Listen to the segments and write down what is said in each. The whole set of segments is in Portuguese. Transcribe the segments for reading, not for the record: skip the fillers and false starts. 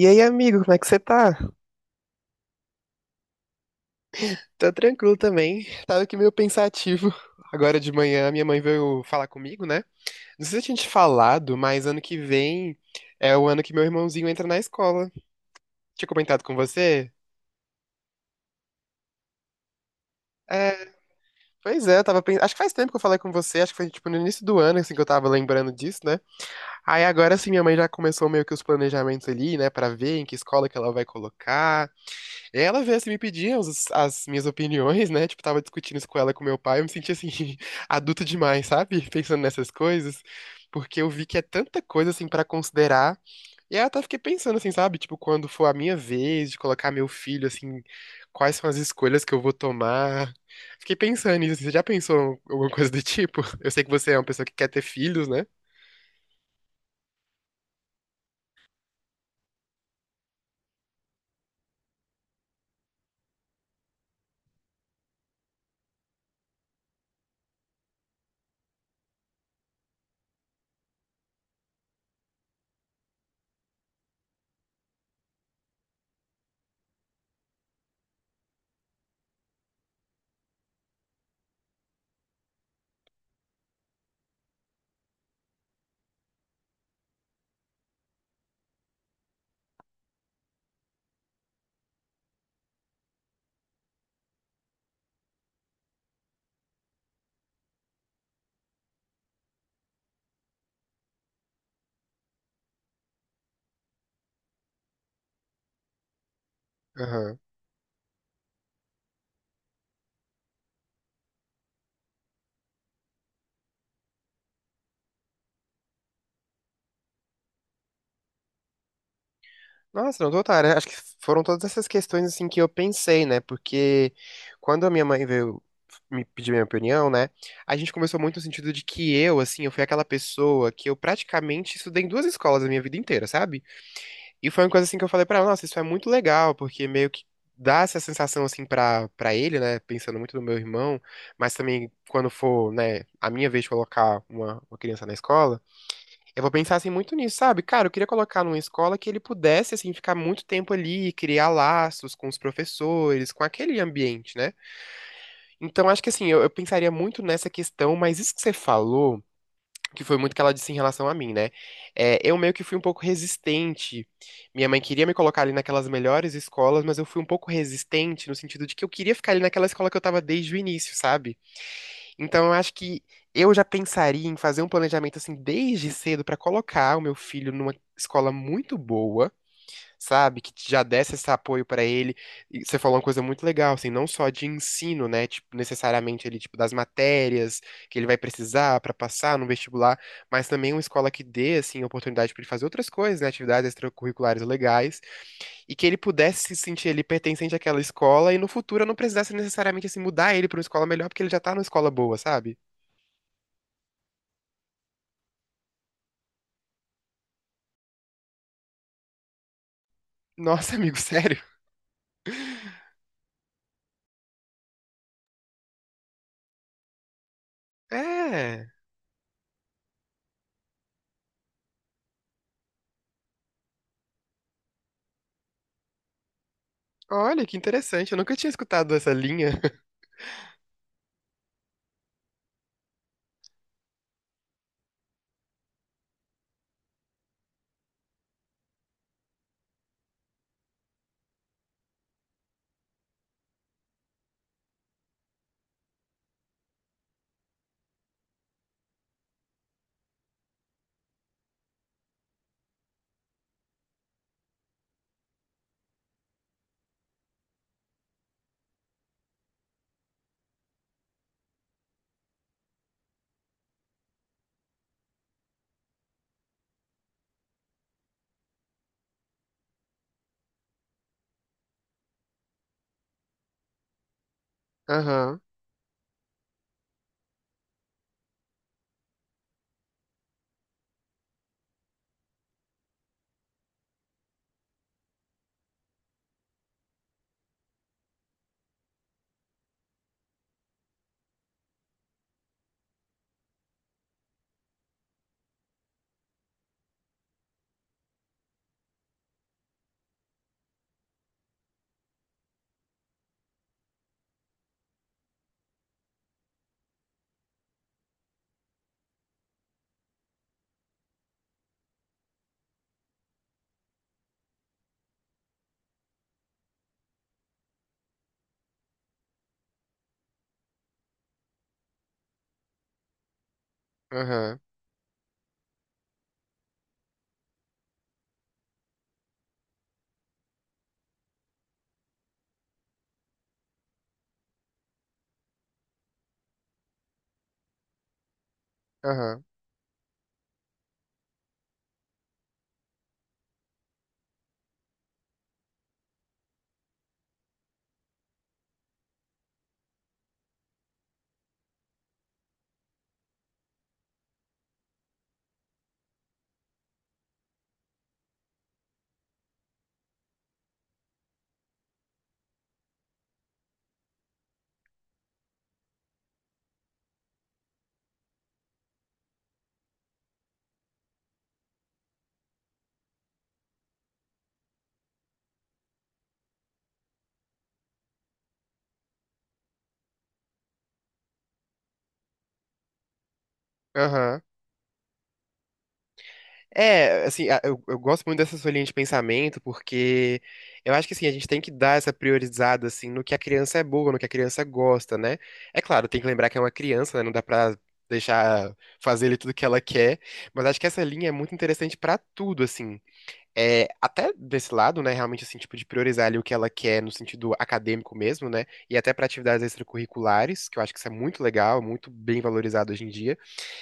E aí, amigo, como é que você tá? Tá tranquilo também. Tava aqui meio pensativo. Agora de manhã, minha mãe veio falar comigo, né? Não sei se eu tinha te falado, mas ano que vem é o ano que meu irmãozinho entra na escola. Tinha comentado com você? É, pois é, eu tava pensando. Acho que faz tempo que eu falei com você, acho que foi tipo no início do ano, assim, que eu tava lembrando disso, né? Aí agora sim, minha mãe já começou meio que os planejamentos ali, né, pra ver em que escola que ela vai colocar. Ela veio assim me pedir as minhas opiniões, né? Tipo, tava discutindo isso com ela, e com meu pai. Eu me senti assim, adulto demais, sabe? Pensando nessas coisas. Porque eu vi que é tanta coisa assim pra considerar. E aí eu até fiquei pensando assim, sabe? Tipo, quando for a minha vez de colocar meu filho, assim, quais são as escolhas que eu vou tomar. Fiquei pensando nisso, assim. Você já pensou em alguma coisa do tipo? Eu sei que você é uma pessoa que quer ter filhos, né? Aham. Nossa, não total, né? Acho que foram todas essas questões assim que eu pensei, né? Porque quando a minha mãe veio me pedir minha opinião, né? A gente conversou muito no sentido de que eu, assim, eu fui aquela pessoa que eu praticamente estudei em duas escolas a minha vida inteira, sabe? E foi uma coisa assim que eu falei pra ela, nossa, isso é muito legal, porque meio que dá essa sensação assim pra para ele, né? Pensando muito no meu irmão, mas também quando for, né, a minha vez de colocar uma criança na escola, eu vou pensar assim muito nisso, sabe? Cara, eu queria colocar numa escola que ele pudesse assim ficar muito tempo ali, criar laços com os professores, com aquele ambiente, né? Então acho que assim, eu pensaria muito nessa questão, mas isso que você falou, que foi muito que ela disse em relação a mim, né? É, eu meio que fui um pouco resistente. Minha mãe queria me colocar ali naquelas melhores escolas, mas eu fui um pouco resistente no sentido de que eu queria ficar ali naquela escola que eu tava desde o início, sabe? Então, eu acho que eu já pensaria em fazer um planejamento assim desde cedo pra colocar o meu filho numa escola muito boa, sabe? Que já desse esse apoio pra ele. E você falou uma coisa muito legal, assim, não só de ensino, né? Tipo, necessariamente ele, tipo, das matérias que ele vai precisar pra passar no vestibular, mas também uma escola que dê, assim, oportunidade pra ele fazer outras coisas, né? Atividades extracurriculares legais, e que ele pudesse se sentir ali pertencente àquela escola e no futuro eu não precisasse necessariamente, assim, mudar ele pra uma escola melhor, porque ele já tá numa escola boa, sabe? Nossa, amigo, sério? É. Olha, que interessante. Eu nunca tinha escutado essa linha. Aham, aham, aham, aham. É, assim, eu gosto muito dessa sua linha de pensamento, porque eu acho que, assim, a gente tem que dar essa priorizada, assim, no que a criança é boa, no que a criança gosta, né? É claro, tem que lembrar que é uma criança, né? Não dá pra deixar fazer ele tudo que ela quer, mas acho que essa linha é muito interessante pra tudo, assim. É, até desse lado, né, realmente assim, tipo, de priorizar ali o que ela quer no sentido acadêmico mesmo, né, e até para atividades extracurriculares, que eu acho que isso é muito legal, muito bem valorizado hoje em dia.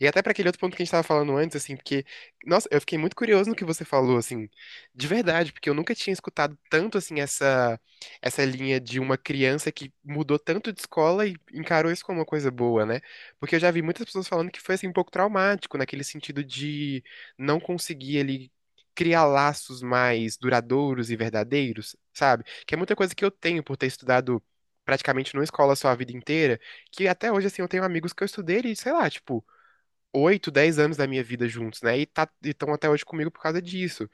E até para aquele outro ponto que a gente estava falando antes, assim, porque, nossa, eu fiquei muito curioso no que você falou, assim, de verdade, porque eu nunca tinha escutado tanto, assim, essa linha de uma criança que mudou tanto de escola e encarou isso como uma coisa boa, né? Porque eu já vi muitas pessoas falando que foi, assim, um pouco traumático, naquele sentido de não conseguir ali criar laços mais duradouros e verdadeiros, sabe? Que é muita coisa que eu tenho por ter estudado praticamente numa escola só a vida inteira, que até hoje, assim, eu tenho amigos que eu estudei, e, sei lá, tipo, 8, 10 anos da minha vida juntos, né? E tá, estão até hoje comigo por causa disso.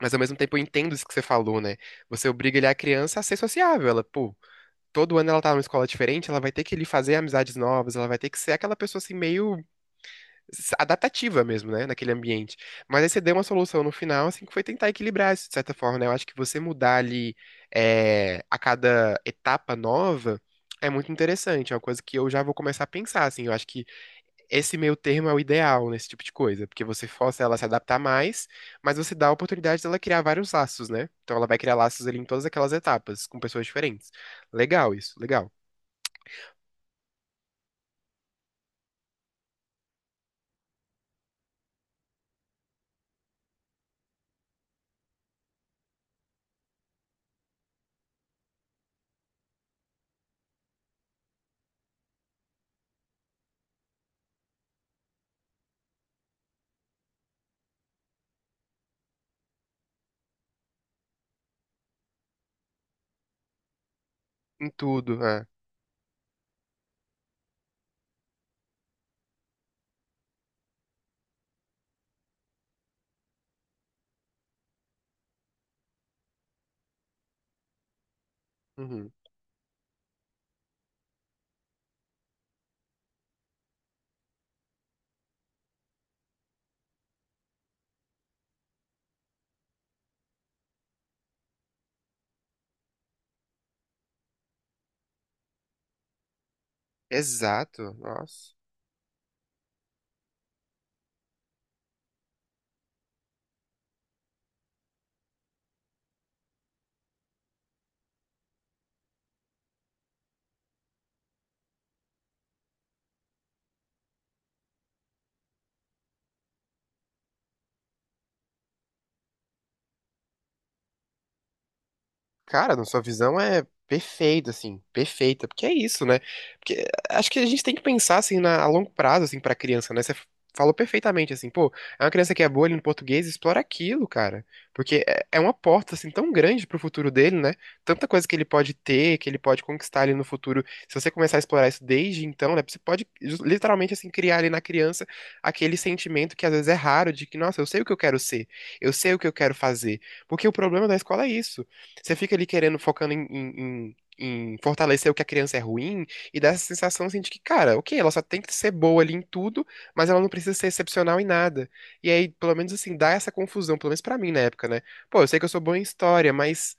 Mas ao mesmo tempo eu entendo isso que você falou, né? Você obriga ele, a criança, a ser sociável. Ela, pô, todo ano ela tá numa escola diferente, ela vai ter que ele fazer amizades novas, ela vai ter que ser aquela pessoa assim meio adaptativa mesmo, né, naquele ambiente. Mas aí você deu uma solução no final, assim, que foi tentar equilibrar isso, de certa forma, né? Eu acho que você mudar ali, é, a cada etapa nova é muito interessante, é uma coisa que eu já vou começar a pensar, assim, eu acho que esse meio termo é o ideal nesse tipo de coisa, porque você força ela a se adaptar mais, mas você dá a oportunidade dela criar vários laços, né? Então ela vai criar laços ali em todas aquelas etapas, com pessoas diferentes. Legal isso, legal. Em tudo, né? Uhum. Exato, nossa. Cara, na sua visão é perfeita, assim, perfeita, porque é isso, né? Porque eh, acho que a gente tem que pensar, assim, na, a longo prazo, assim, pra criança, né? Você falou perfeitamente, assim, pô, é uma criança que é boa ali no português, explora aquilo, cara, porque é, é uma porta, assim, tão grande pro futuro dele, né? Tanta coisa que ele pode ter, que ele pode conquistar ali no futuro, se você começar a explorar isso desde então, né? Você pode, literalmente, assim, criar ali na criança aquele sentimento que às vezes é raro de que, nossa, eu sei o que eu quero ser, eu sei o que eu quero fazer, porque o problema da escola é isso. Você fica ali querendo, focando em fortalecer o que a criança é ruim, e dá essa sensação assim, de que, cara, ok, ela só tem que ser boa ali em tudo, mas ela não precisa ser excepcional em nada. E aí, pelo menos assim, dá essa confusão, pelo menos pra mim na época, né? Pô, eu sei que eu sou bom em história, mas.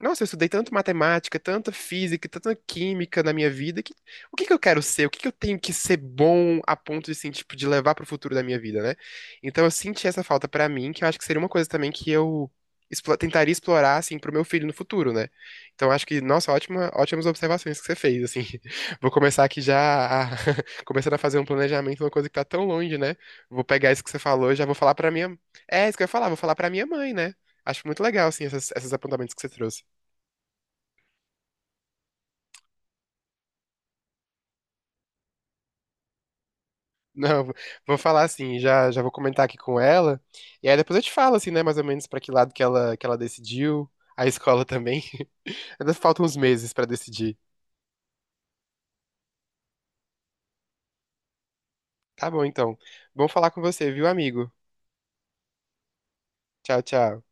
Nossa, eu estudei tanto matemática, tanta física, tanta química na minha vida, que o que que eu quero ser? O que que eu tenho que ser bom a ponto de, assim, tipo, de levar pro futuro da minha vida, né? Então eu senti essa falta pra mim, que eu acho que seria uma coisa também que eu tentaria explorar, assim, pro meu filho no futuro, né? Então, acho que, nossa, ótima, ótimas observações que você fez, assim. Vou começar aqui já, começando a fazer um planejamento, uma coisa que tá tão longe, né? Vou pegar isso que você falou e já vou falar pra minha... É, isso que eu ia falar, vou falar pra minha mãe, né? Acho muito legal, assim, essas, esses apontamentos que você trouxe. Não, vou falar assim, já, já vou comentar aqui com ela, e aí depois eu te falo, assim, né, mais ou menos pra que lado que ela decidiu, a escola também. Ainda faltam uns meses pra decidir. Tá bom, então. Bom falar com você, viu, amigo? Tchau, tchau.